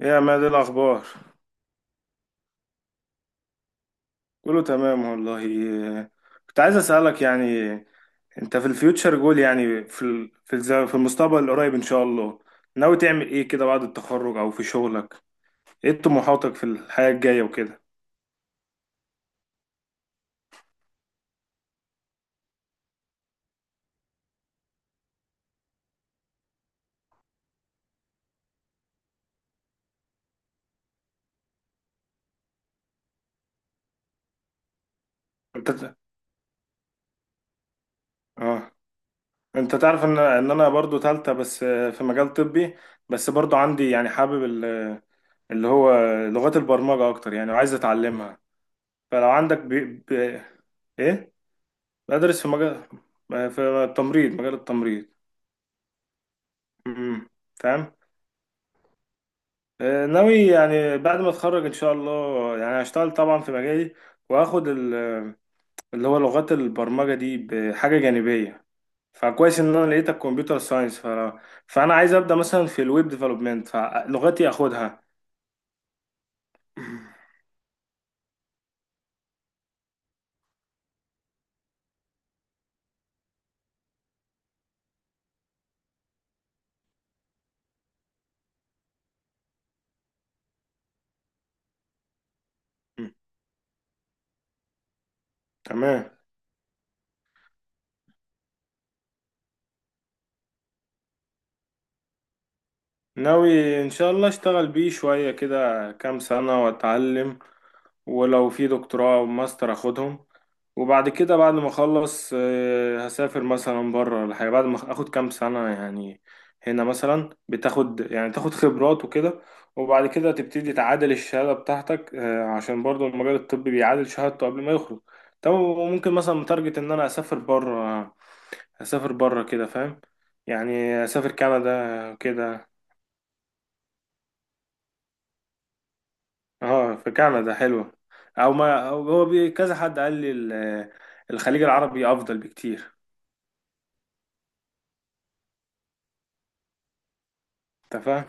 إيه يا ما دي الأخبار؟ كله تمام والله. إيه، كنت عايز أسألك، يعني أنت في الفيوتشر جول، يعني في ال- في الز- في المستقبل القريب إن شاء الله، ناوي تعمل إيه كده بعد التخرج أو في شغلك؟ إيه طموحاتك في الحياة الجاية وكده؟ أنت ت- آه، أنت تعرف إن أنا برضو تالتة بس، آه، في مجال طبي، بس برضو عندي يعني حابب ال- اللي هو لغات البرمجة أكتر يعني، وعايز أتعلمها. فلو عندك إيه، بدرس في مجال، في التمريض مجال التمريض. امم، فاهم. آه، ناوي يعني بعد ما اتخرج ان شاء الله يعني هشتغل طبعا في مجالي، واخد ال- اللي هو لغات البرمجة دي بحاجة جانبية. فكويس ان انا لقيت الكمبيوتر ساينس. فانا عايز ابدا مثلا في الويب ديفلوبمنت فلغتي اخدها. تمام. ناوي ان شاء الله اشتغل بيه شوية كده كام سنة واتعلم، ولو في دكتوراه او ماستر اخدهم، وبعد كده بعد ما اخلص، آه، هسافر مثلا بره ولا حاجه بعد ما اخد كام سنه يعني. هنا مثلا بتاخد، يعني تاخد خبرات وكده، وبعد كده تبتدي تعادل الشهاده بتاعتك، آه، عشان برضو المجال الطبي بيعادل شهادته قبل ما يخرج. طب وممكن مثلا متارجت ان انا اسافر بره، اسافر بره كده فاهم، يعني اسافر كندا كده. اه، في كندا حلوة، او ما أو هو بي كذا حد قال لي الخليج العربي افضل بكتير. انت فاهم.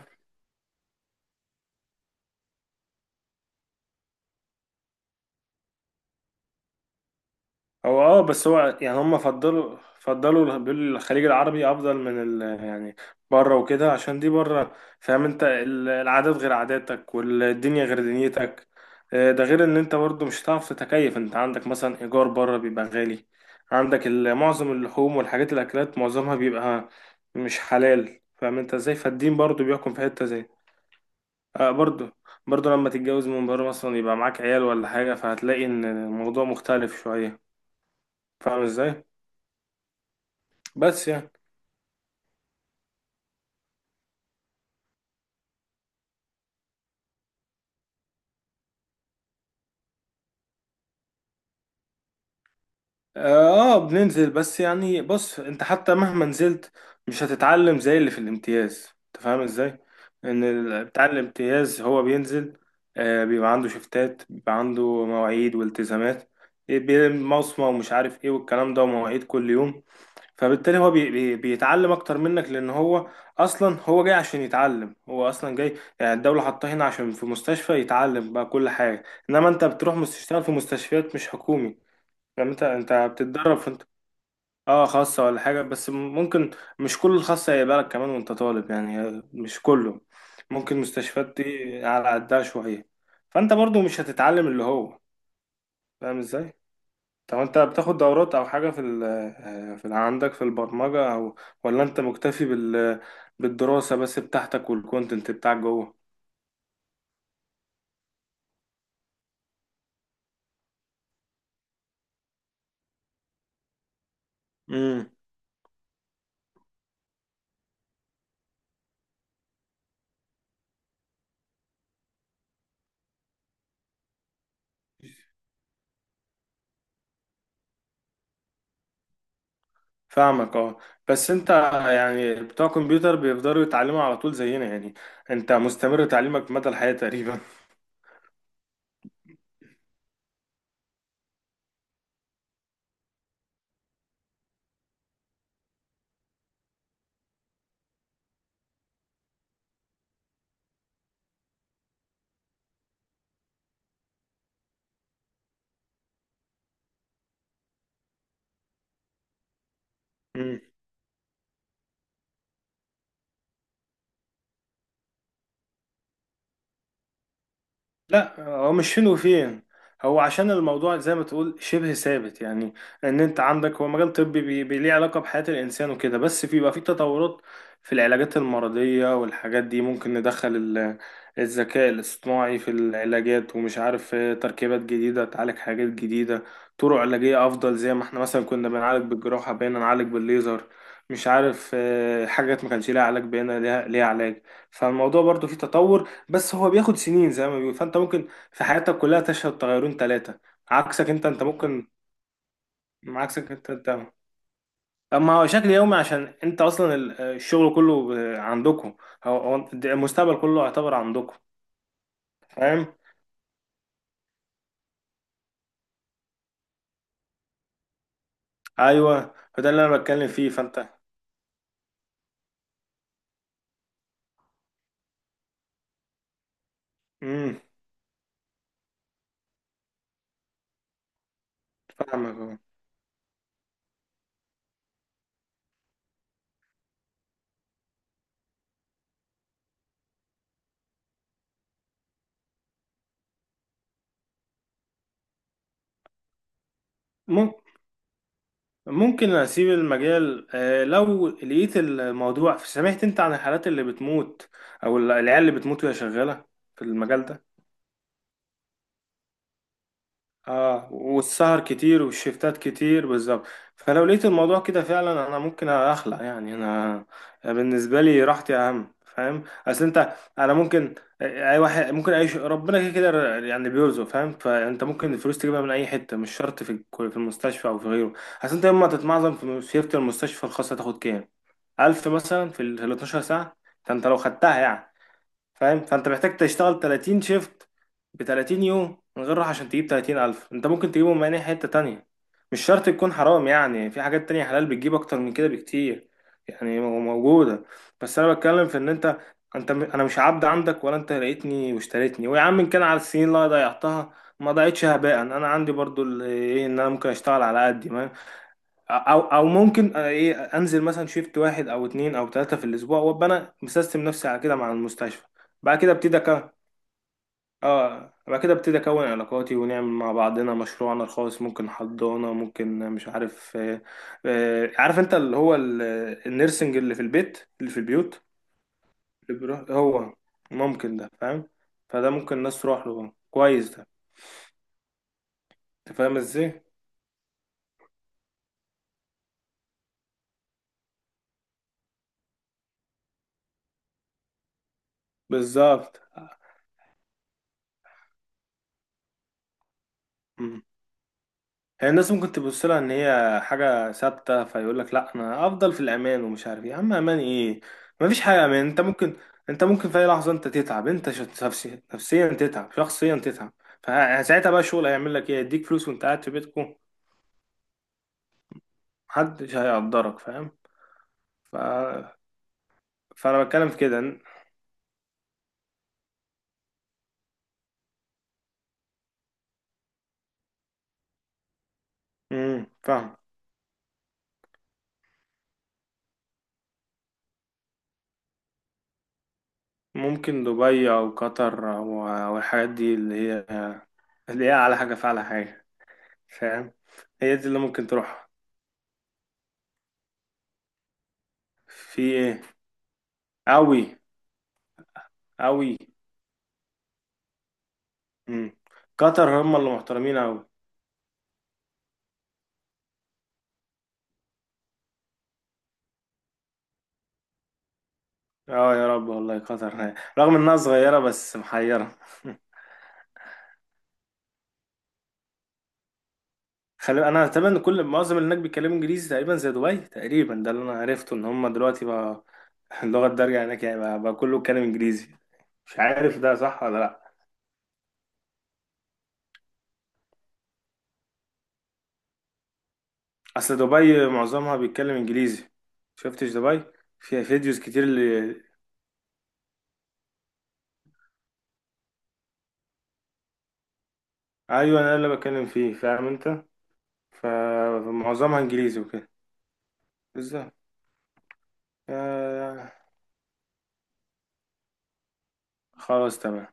هو اه بس هو يعني هم فضلوا بيقولوا الخليج العربي افضل من ال يعني بره وكده، عشان دي بره فاهم انت، العادات غير عاداتك والدنيا غير دنيتك. آه، ده غير ان انت برضو مش هتعرف تتكيف، انت عندك مثلا ايجار بره بيبقى غالي، عندك معظم اللحوم والحاجات الاكلات معظمها بيبقى مش حلال، فاهم انت ازاي. فالدين برضو بيحكم في حتة زي، آه، برضو. لما تتجوز من بره مثلا يبقى معاك عيال ولا حاجة، فهتلاقي إن الموضوع مختلف شوية. فاهم إزاي؟ بس يعني، آه. بننزل، بس يعني بص، أنت حتى مهما نزلت مش هتتعلم زي اللي في الامتياز. أنت فاهم إزاي؟ إن بتاع الامتياز هو بينزل، آه، بيبقى عنده شفتات، بيبقى عنده مواعيد والتزامات، مصمة ومش عارف إيه والكلام ده، ومواعيد كل يوم. فبالتالي هو بي بي بيتعلم اكتر منك، لان هو اصلا هو جاي عشان يتعلم، هو اصلا جاي يعني الدولة حاطاه هنا عشان في مستشفى يتعلم بقى كل حاجة. انما انت بتروح تشتغل في مستشفيات مش حكومي، يعني انت بتتدرب في انت. اه، خاصة ولا حاجة، بس ممكن مش كل الخاصة هيبقى لك كمان وانت طالب يعني، مش كله. ممكن مستشفيات دي على قدها شوية، فانت برضو مش هتتعلم اللي هو، فاهم ازاي. طب انت بتاخد دورات او حاجة في ال، آه، عندك في البرمجة او، ولا انت مكتفي بال، بالدراسة بس بتاعتك والكونتنت بتاعك جوه؟ امم، فاهمك. اه، بس انت يعني، بتوع كمبيوتر بيفضلوا يتعلموا على طول زينا يعني، انت مستمر تعليمك مدى الحياة تقريبا. لا، هو مش حلو فين وفين، هو عشان الموضوع زي ما تقول شبه ثابت يعني. ان انت عندك هو مجال طبي ليه علاقة بحياة الانسان وكده، بس في بقى في تطورات في العلاجات المرضية والحاجات دي، ممكن ندخل الذكاء الاصطناعي في العلاجات، ومش عارف، آه، تركيبات جديدة تعالج حاجات جديدة، طرق علاجية افضل. زي ما احنا مثلا كنا بنعالج بالجراحة بقينا نعالج بالليزر، مش عارف، آه، حاجات ما كانش ليها علاج بقينا ليها علاج. فالموضوع برضو فيه تطور، بس هو بياخد سنين زي ما بيقول. فانت ممكن في حياتك كلها تشهد تغيرون ثلاثة، عكسك انت ممكن، عكسك انت، اما هو شكل يومي عشان انت اصلا الشغل كله ب- عندكم، هو المستقبل كله يعتبر عندكم. فاهم. ايوه، فده اللي انا بتكلم فيه فانت. امم، فاهمك أهو. مم- ممكن اسيب المجال، آه، لو لقيت الموضوع. سمعت انت عن الحالات اللي بتموت او العيال اللي بتموت وهي شغالة في المجال ده؟ اه، والسهر كتير والشفتات كتير بالظبط. فلو لقيت الموضوع كده فعلا انا ممكن اخلع يعني. انا بالنسبه لي راحتي اهم، فاهم. اصل انت انا ممكن، اي واحد ممكن، اي ربنا كده كده يعني بيرزق فاهم. فانت ممكن الفلوس تجيبها من اي حته، مش شرط في في المستشفى او في غيره. اصل انت يوم ما تتمعظم في شيفت المستشفى الخاصه تاخد كام؟ 1000 مثلا في ال 12 ساعه، ده انت لو خدتها يعني. فاهم. فانت محتاج تشتغل 30 شيفت ب 30 يوم من غير راحه عشان تجيب 30,000. انت ممكن تجيبهم من اي حته تانية، مش شرط تكون حرام، يعني في حاجات تانية حلال بتجيب اكتر من كده بكتير، يعني موجوده. بس انا بتكلم في ان انت، انا مش عبد عندك ولا انت لقيتني واشتريتني. ويا عم، ان كان على السنين اللي أنا ضيعتها، ما ضيعتش هباء، انا عندي برضو ايه، ان انا ممكن اشتغل على قدي، او او ممكن، آه، ايه، انزل مثلا شيفت واحد او اتنين او تلاتة في الاسبوع، وابقى انا مسيستم نفسي على كده مع المستشفى. بعد كده ابتدي اكون اه، بعد كده ابتدي اكون علاقاتي ونعمل مع بعضنا مشروعنا الخاص. ممكن حضانة، ممكن مش عارف، آه، آه، عارف انت اللي هو النيرسنج اللي في البيت، اللي في البيوت اللي بيروح هو، ممكن ده فاهم، فده ممكن الناس تروح له، كويس ده. انت فاهم ازاي؟ بالظبط. هي الناس ممكن تبص لها ان هي حاجه ثابته، فيقول لك لا انا افضل في الامان ومش عارف ايه. يا عم امان ايه، مفيش حاجه امان. انت ممكن، انت ممكن في اي لحظه انت تتعب، انت نفسيا، تتعب شخصيا، تتعب. فساعتها بقى الشغل هيعمل لك ايه؟ يديك فلوس وانت قاعد في بيتكم؟ محدش هيقدرك فاهم. ف... فانا بتكلم في كده. امم، فاهم. ممكن دبي او قطر، او أو الحاجات دي اللي هي، اللي هي على حاجه فعلى حاجه، فاهم. هي دي اللي ممكن تروح. في ايه؟ قوي، أوي. مم. قطر هم اللي محترمين أوي. اه، يا رب والله. قطر رغم انها صغيرة بس محيرة. خلي انا تقريبا إن كل معظم اللي هناك بيتكلموا انجليزي تقريبا زي دبي تقريبا، ده اللي انا عرفته ان هم دلوقتي بقى، اللغة الدارجة هناك يعني بقى, بقى كله بيتكلم انجليزي. مش عارف ده صح ولا لا. اصل دبي معظمها بيتكلم انجليزي. شفتش دبي؟ فيها فيديوز كتير اللي، ايوه، انا اللي بتكلم فيه فاهم انت. ف- فمعظمها انجليزي وكده. بالظبط. آه، خلاص تمام.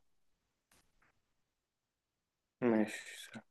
ماشي.